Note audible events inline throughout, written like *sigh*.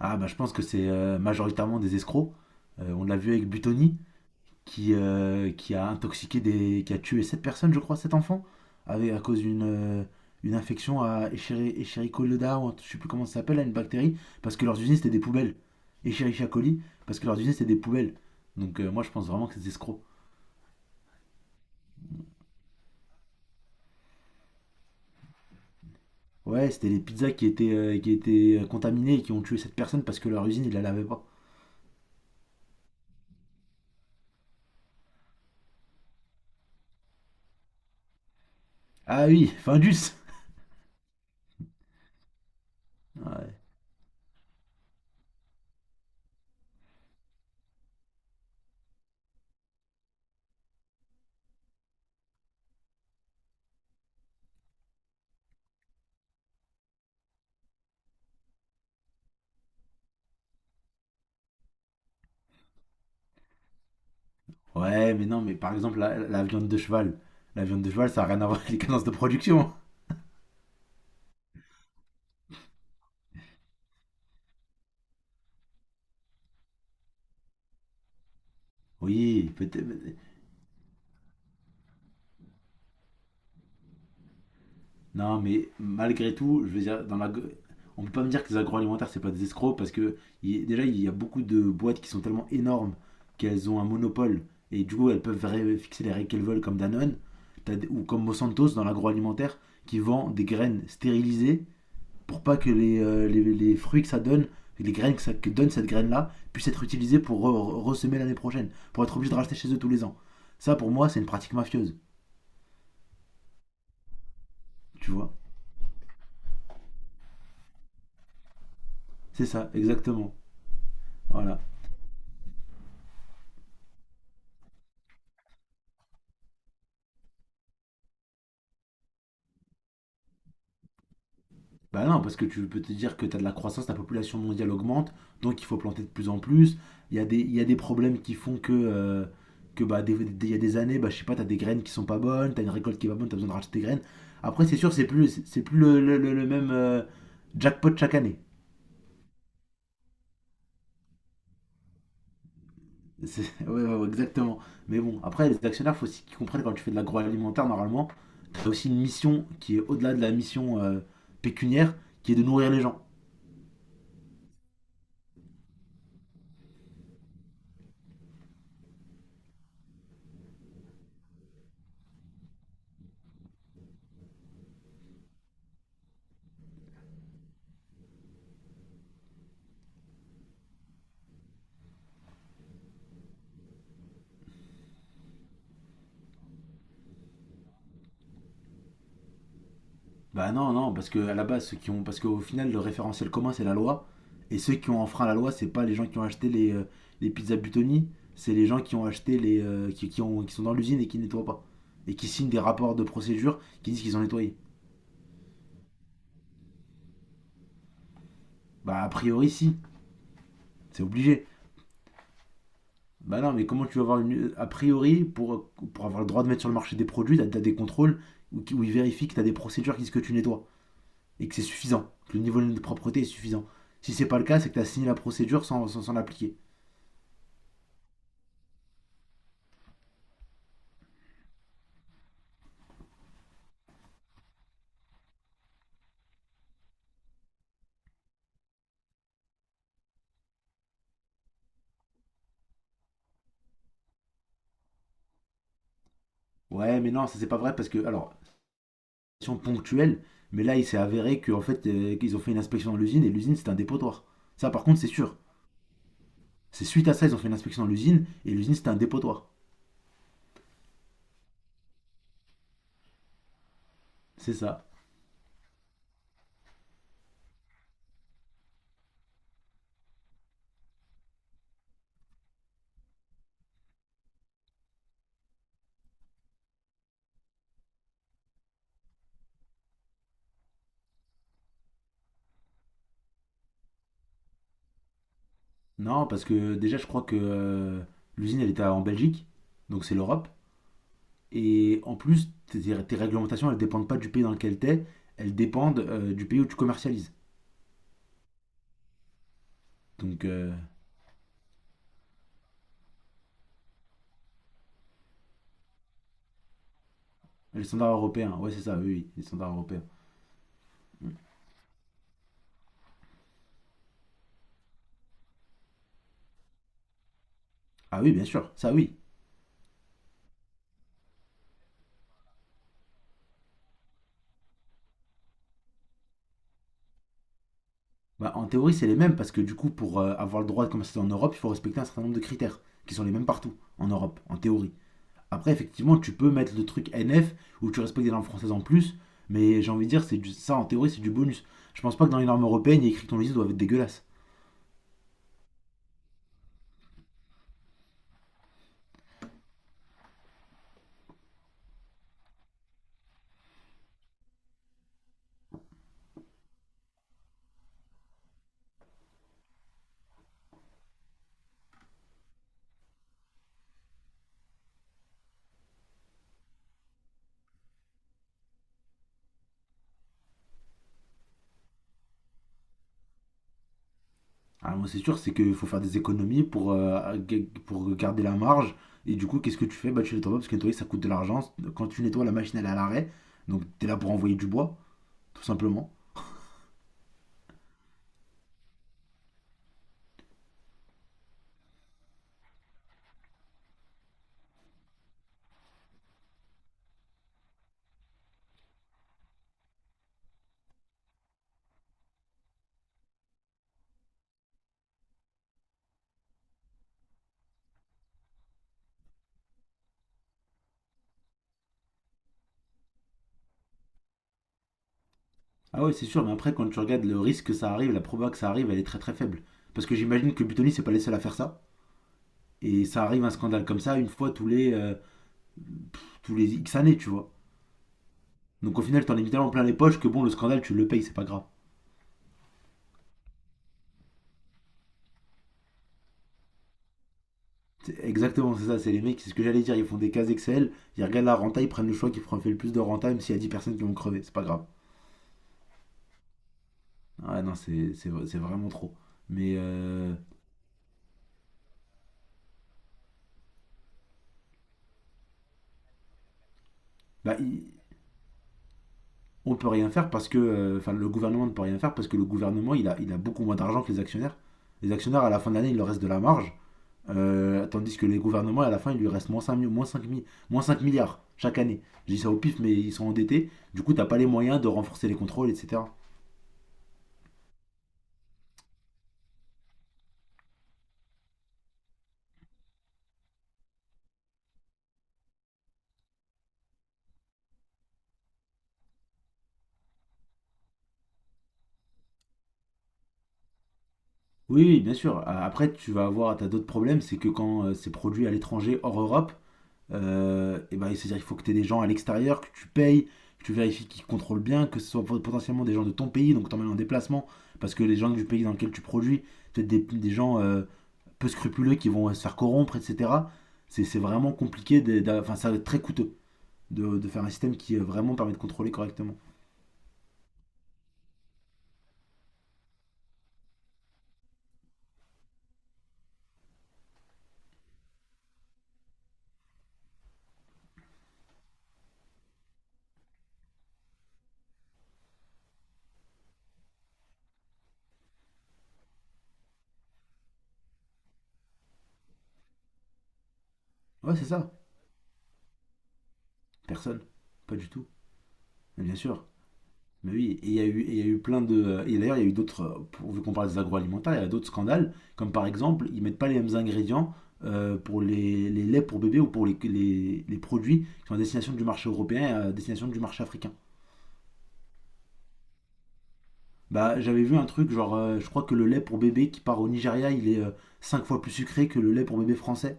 Ah bah je pense que c'est majoritairement des escrocs. On l'a vu avec Butoni qui a intoxiqué des. Qui a tué sept personnes, je crois, sept enfants, avec, à cause d'une une infection à Escherichia ou je sais plus comment ça s'appelle, là, une bactérie, parce que leurs usines c'était des poubelles. Escherichia coli, parce que leurs usines c'était des poubelles. Donc moi je pense vraiment que c'est des escrocs. Ouais, c'était les pizzas qui étaient contaminées et qui ont tué cette personne parce que leur usine ils la lavaient pas. Ah oui, Findus! Ouais, ouais, mais non, mais par exemple, la viande de cheval. La viande de cheval, ça n'a rien à voir avec les cadences de production. Oui, peut-être. Non, mais malgré tout, je veux dire, dans la... on peut pas me dire que les agroalimentaires, c'est pas des escrocs, parce que déjà, il y a beaucoup de boîtes qui sont tellement énormes qu'elles ont un monopole, et du coup, elles peuvent fixer les règles qu'elles veulent, comme Danone, ou comme Monsanto dans l'agroalimentaire, qui vend des graines stérilisées pour pas que les fruits que ça donne, les graines que, ça, que donne cette graine-là, puissent être utilisées pour ressemer l'année prochaine, pour être obligé de racheter chez eux tous les ans. Ça, pour moi, c'est une pratique mafieuse, tu vois. C'est ça, exactement. Voilà. Bah non, parce que tu peux te dire que tu as de la croissance, la population mondiale augmente, donc il faut planter de plus en plus. Il y a il y a des problèmes qui font que bah, il y a des années, bah, je sais pas, t'as des graines qui sont pas bonnes, t'as une récolte qui est pas bonne, t'as besoin de racheter des graines. Après, c'est sûr, c'est plus le même jackpot chaque année. *laughs* Ouais, ouais, ouais, exactement. Mais bon, après, les actionnaires, faut aussi qu'ils comprennent quand tu fais de l'agroalimentaire, normalement, t'as aussi une mission qui est au-delà de la mission pécuniaire, qui est de nourrir les gens. Bah non, non, parce que à la base, parce qu'au final, le référentiel commun, c'est la loi, et ceux qui ont enfreint la loi, c'est pas les gens qui ont acheté les pizzas Butoni, c'est les gens qui ont acheté les, qui ont, qui sont dans l'usine et qui nettoient pas, et qui signent des rapports de procédure qui disent qu'ils ont nettoyé. Bah a priori, si, c'est obligé. Bah non, mais comment tu vas avoir une... A priori, pour avoir le droit de mettre sur le marché des produits, t'as des contrôles où ils vérifient que t'as des procédures qui disent que tu nettoies et que c'est suffisant, que le niveau de propreté est suffisant. Si c'est pas le cas, c'est que t'as signé la procédure sans s'en appliquer. Ouais, mais non, ça c'est pas vrai parce que, alors, question ponctuelle, mais là il s'est avéré qu'en fait, qu'ils ont fait une inspection dans l'usine et l'usine c'est un dépotoir. Ça par contre, c'est sûr. C'est suite à ça, ils ont fait une inspection dans l'usine et l'usine c'était un dépotoir. C'est ça. Non, parce que déjà, je crois que l'usine elle était en Belgique, donc c'est l'Europe. Et en plus, tes réglementations, elles ne dépendent pas du pays dans lequel tu es, elles dépendent du pays où tu commercialises. Donc, les standards européens, ouais, c'est ça, oui, oui, les standards européens. Mm. Ah oui, bien sûr, ça oui. Bah, en théorie, c'est les mêmes parce que du coup, pour avoir le droit de commercialiser en Europe, il faut respecter un certain nombre de critères qui sont les mêmes partout en Europe, en théorie. Après, effectivement, tu peux mettre le truc NF où tu respectes des normes françaises en plus, mais j'ai envie de dire, c'est ça en théorie, c'est du bonus. Je pense pas que dans les normes européennes, il y ait écrit que ton logiciel doit être dégueulasse. Ah, moi, c'est sûr, c'est qu'il faut faire des économies pour, pour garder la marge. Et du coup, qu'est-ce que tu fais? Bah, tu nettoies pas parce que nettoyer, ça coûte de l'argent. Quand tu nettoies, la machine, elle est à l'arrêt. Donc, t'es là pour envoyer du bois, tout simplement. Ah ouais, c'est sûr, mais après, quand tu regardes le risque que ça arrive, la proba que ça arrive, elle est très très faible. Parce que j'imagine que Butoni, c'est pas les seuls à faire ça. Et ça arrive un scandale comme ça une fois tous les X années, tu vois. Donc, au final, t'en es tellement plein les poches que bon, le scandale, tu le payes, c'est pas grave. Exactement, c'est ça, c'est les mecs, c'est ce que j'allais dire, ils font des cases Excel, ils regardent la renta, ils prennent le choix qui fait le plus de renta, même s'il y a 10 personnes qui vont crever, c'est pas grave. Ah ouais, non, c'est vraiment trop. Mais bah, il- on peut rien faire parce que, enfin le gouvernement ne peut rien faire parce que le gouvernement, il a beaucoup moins d'argent que les actionnaires. Les actionnaires, à la fin de l'année, il leur reste de la marge, tandis que les gouvernements, à la fin, il lui reste moins 5 milliards chaque année. Je dis ça au pif, mais ils sont endettés, du coup, t'as pas les moyens de renforcer les contrôles, etc. Oui, oui, bien sûr. Après, tu vas avoir, t'as d'autres problèmes, c'est que quand c'est produit à l'étranger, hors Europe, eh ben, c'est-à-dire qu'il faut que tu aies des gens à l'extérieur, que tu payes, que tu vérifies qu'ils contrôlent bien, que ce soit potentiellement des gens de ton pays, donc t'emmènes en déplacement, parce que les gens du pays dans lequel tu produis, peut-être des gens peu scrupuleux qui vont se faire corrompre, etc. C'est vraiment compliqué, enfin, ça va être très coûteux de faire un système qui vraiment permet de contrôler correctement. Ouais, c'est ça. Personne. Pas du tout. Mais bien sûr. Mais oui, et il y a eu plein de. Et d'ailleurs, il y a eu d'autres. Vu qu'on parle des agroalimentaires, il y a d'autres scandales. Comme par exemple, ils mettent pas les mêmes ingrédients pour les laits pour bébés ou pour les, les produits qui sont à destination du marché européen et à destination du marché africain. Bah, j'avais vu un truc, genre, je crois que le lait pour bébé qui part au Nigeria, il est 5 fois plus sucré que le lait pour bébé français.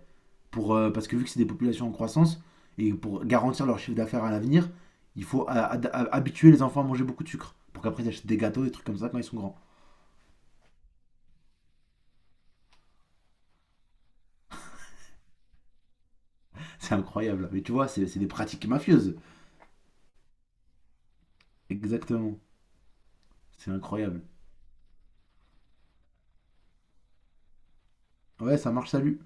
Pour, parce que vu que c'est des populations en croissance, et pour garantir leur chiffre d'affaires à l'avenir, il faut habituer les enfants à manger beaucoup de sucre. Pour qu'après ils achètent des gâteaux, des trucs comme ça quand ils sont grands. C'est incroyable. Mais tu vois, c'est des pratiques mafieuses. Exactement. C'est incroyable. Ouais, ça marche, salut.